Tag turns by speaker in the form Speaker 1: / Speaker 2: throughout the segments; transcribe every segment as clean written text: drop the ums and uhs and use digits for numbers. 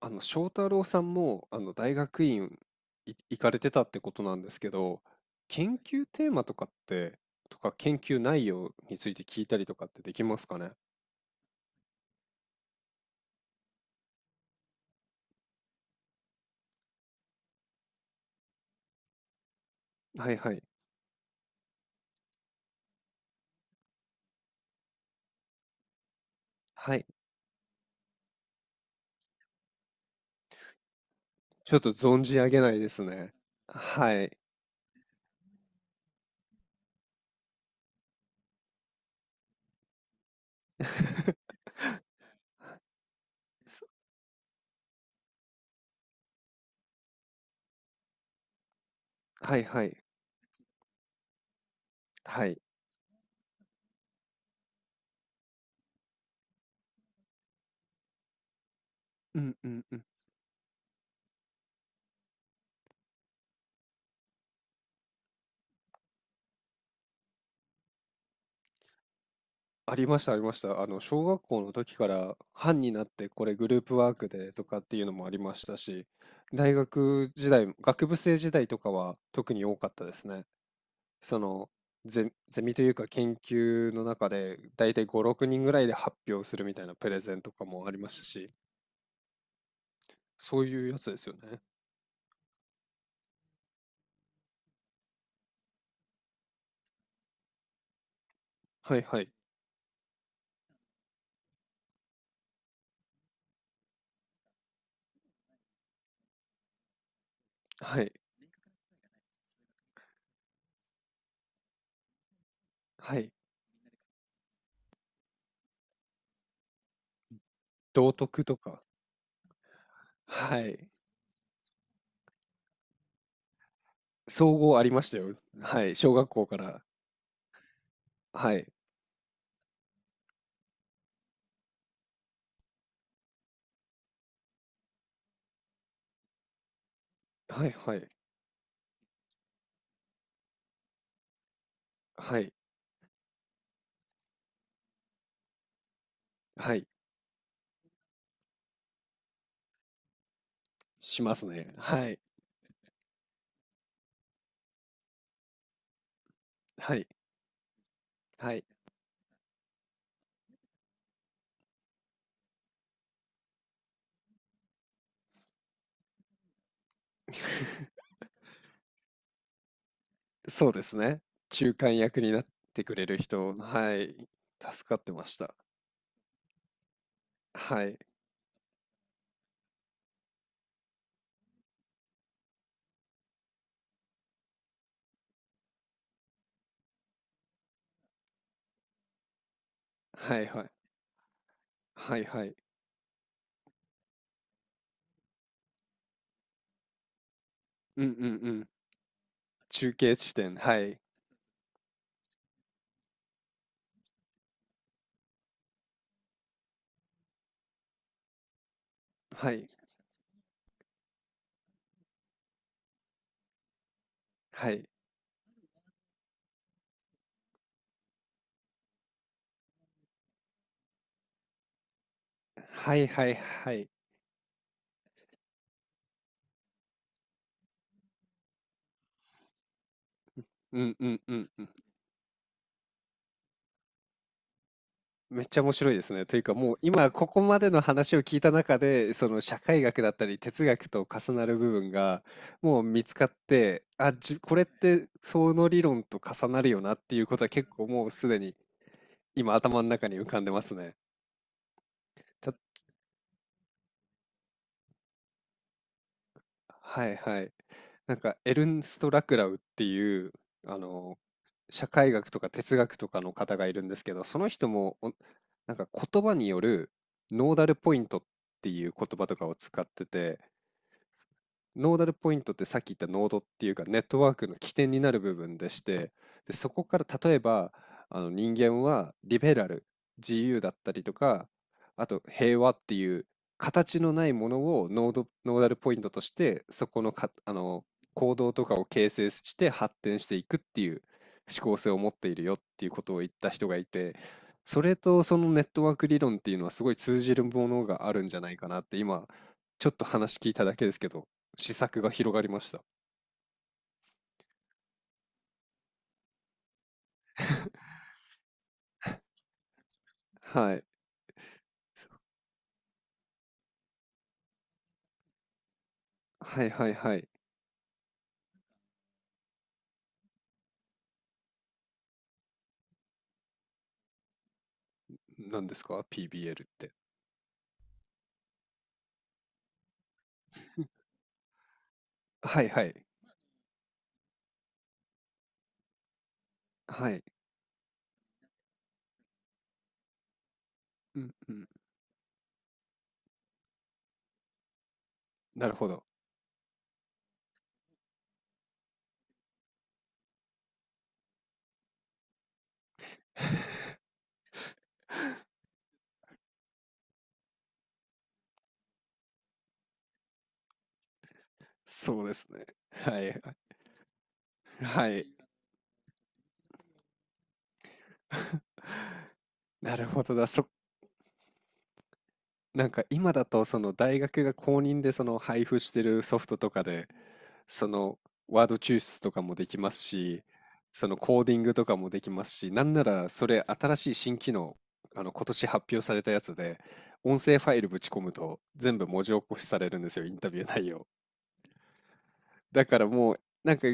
Speaker 1: 翔太郎さんも、大学院行かれてたってことなんですけど、研究テーマとかって、とか研究内容について聞いたりとかってできますかね？はいはい。はい。ちょっと存じ上げないですね。はい。そはいはい。はい。うんうんうん。ありましたありました。小学校の時から班になってこれグループワークでとかっていうのもありましたし、大学時代、学部生時代とかは特に多かったですね。そのゼミというか研究の中でだいたい5、6人ぐらいで発表するみたいなプレゼンとかもありましたし、そういうやつですよね。はいはい。はい。はい。道徳とか。はい。総合ありましたよ。はい。小学校から。はい。はいはい。はい。はい。しますね。はい。はい。はい。そうですね。中間役になってくれる人。はい。助かってました。はい。はいはい。はいはい。うんうんうん。中継地点、はい。はい。はい。はいはいはい。うんうんうんうん。めっちゃ面白いですね。というか、もう今ここまでの話を聞いた中で、その社会学だったり哲学と重なる部分がもう見つかって、あ、これってその理論と重なるよなっていうことは結構もうすでに今頭の中に浮かんでますね。はいはい。なんかエルンスト・ラクラウっていうあの社会学とか哲学とかの方がいるんですけど、その人もなんか言葉によるノーダルポイントっていう言葉とかを使ってて、ノーダルポイントってさっき言ったノードっていうかネットワークの起点になる部分でして、で、そこから例えば人間はリベラル、自由だったりとか、あと平和っていう形のないものをノード、ノーダルポイントとしてそこのか、あの行動とかを形成して発展していくっていう思考性を持っているよっていうことを言った人がいて、それとそのネットワーク理論っていうのはすごい通じるものがあるんじゃないかなって今ちょっと話聞いただけですけど試作が広がりました。はい。はいはいはい。何ですか ?PBL って。はいはい。はい。うんうん。なるほど。そうですね。はい。はい。なるほどだ。なんか今だとその大学が公認でその配布してるソフトとかで、そのワード抽出とかもできますし、そのコーディングとかもできますし、なんならそれ新しい新機能、今年発表されたやつで、音声ファイルぶち込むと全部文字起こしされるんですよ、インタビュー内容。だからもう、なんか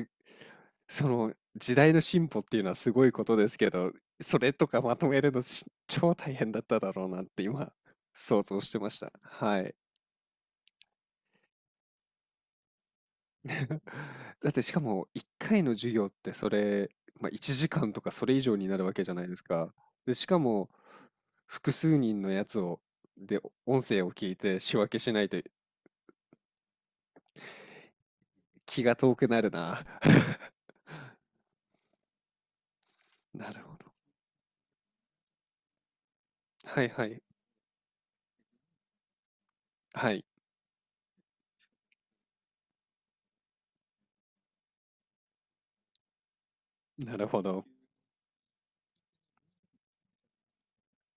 Speaker 1: その時代の進歩っていうのはすごいことですけど、それとかまとめるの超大変だっただろうなって今想像してました。はい。だってしかも1回の授業ってそれ、まあ、1時間とかそれ以上になるわけじゃないですか。で、しかも複数人のやつをで、音声を聞いて仕分けしないと気が遠くなるな。なるほど。はいはい。はい、なるほど。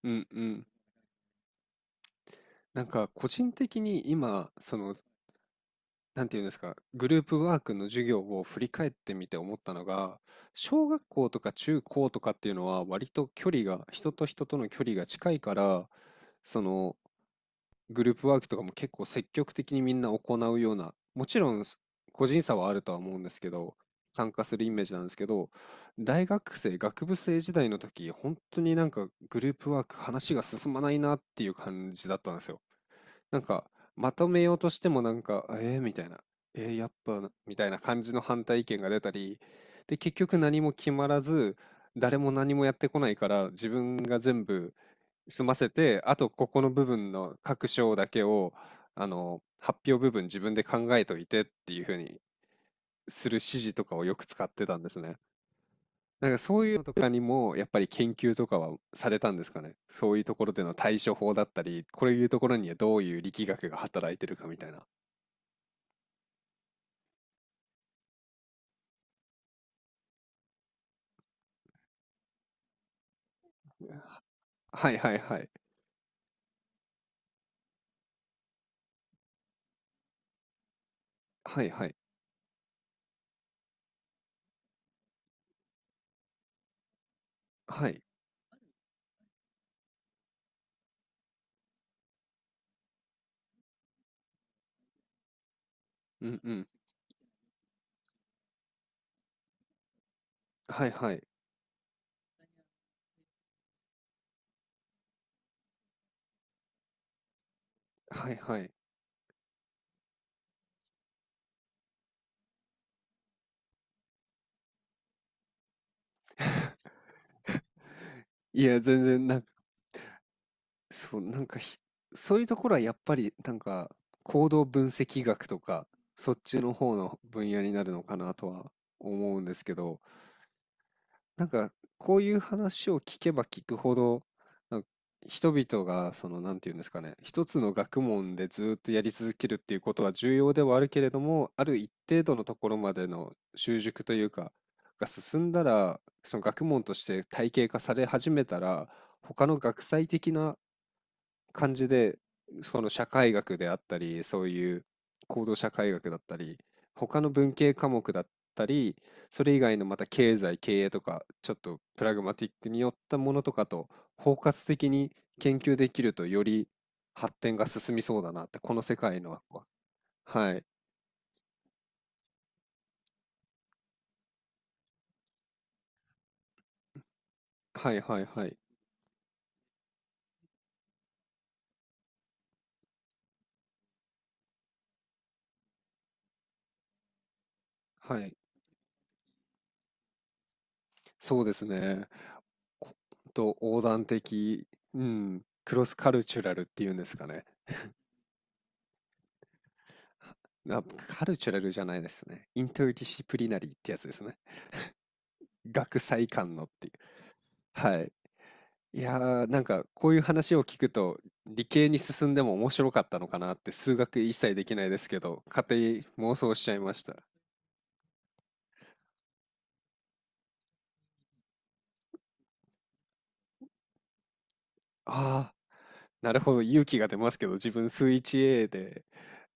Speaker 1: うんうん。なんか個人的に今、そのなんていうんですか、グループワークの授業を振り返ってみて思ったのが、小学校とか中高とかっていうのは割と距離が、人と人との距離が近いから、そのグループワークとかも結構積極的にみんな行うような、もちろんす個人差はあるとは思うんですけど、参加するイメージなんですけど、大学生、学部生時代の時、本当になんかグループワーク話が進まないなっていう感じだったんですよ。なんか、まとめようとしてもなんか、えー、みたいな、えー、やっぱな、みたいな感じの反対意見が出たり、で、結局何も決まらず、誰も何もやってこないから、自分が全部済ませて、あとここの部分の各章だけを、発表部分自分で考えといてっていう風にする指示とかをよく使ってたんですね。なんかそういうのとかにもやっぱり研究とかはされたんですかね。そういうところでの対処法だったり、こういうところにはどういう力学が働いてるかみたいな。はいはいはい。はいはい。はい。うんうん。はいはい。はいはい。いや、全然なんか、そう、なんかひそういうところはやっぱり、なんか、行動分析学とか、そっちの方の分野になるのかなとは思うんですけど。なんか、こういう話を聞けば聞くほど、なんか人々が、その、なんていうんですかね、一つの学問でずっとやり続けるっていうことは重要ではあるけれども、ある一定度のところまでの習熟というか、が進んだら、その学問として体系化され始めたら、他の学際的な感じで、その社会学であったり、そういう行動社会学だったり、他の文系科目だったり、それ以外のまた経済、経営とか、ちょっとプラグマティックによったものとかと包括的に研究できると、より発展が進みそうだなって、この世界のは、はい、はいはいはい、はい、そうですね。こほんと横断的、うん、クロスカルチュラルっていうんですかね。あ、カルチュラルじゃないですね。インターディシプリナリーってやつですね。学際間のっていう。はい。いやー、なんかこういう話を聞くと、理系に進んでも面白かったのかなって、数学一切できないですけど、勝手に妄想しちゃいました。ああ、なるほど、勇気が出ますけど、自分数 1A で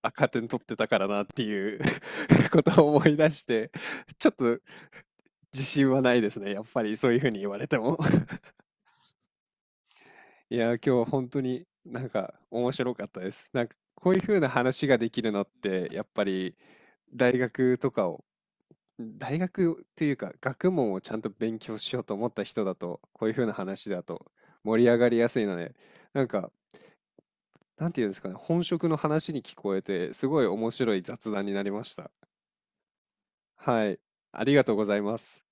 Speaker 1: 赤点取ってたからなっていう ことを思い出して、ちょっと自信はないですね。やっぱりそういうふうに言われても。いやー、今日本当になんか面白かったです。なんかこういう風な話ができるのって、やっぱり大学とかを、大学というか学問をちゃんと勉強しようと思った人だと、こういう風な話だと盛り上がりやすいので、なんか、なんていうんですかね、本職の話に聞こえて、すごい面白い雑談になりました。はい、ありがとうございます。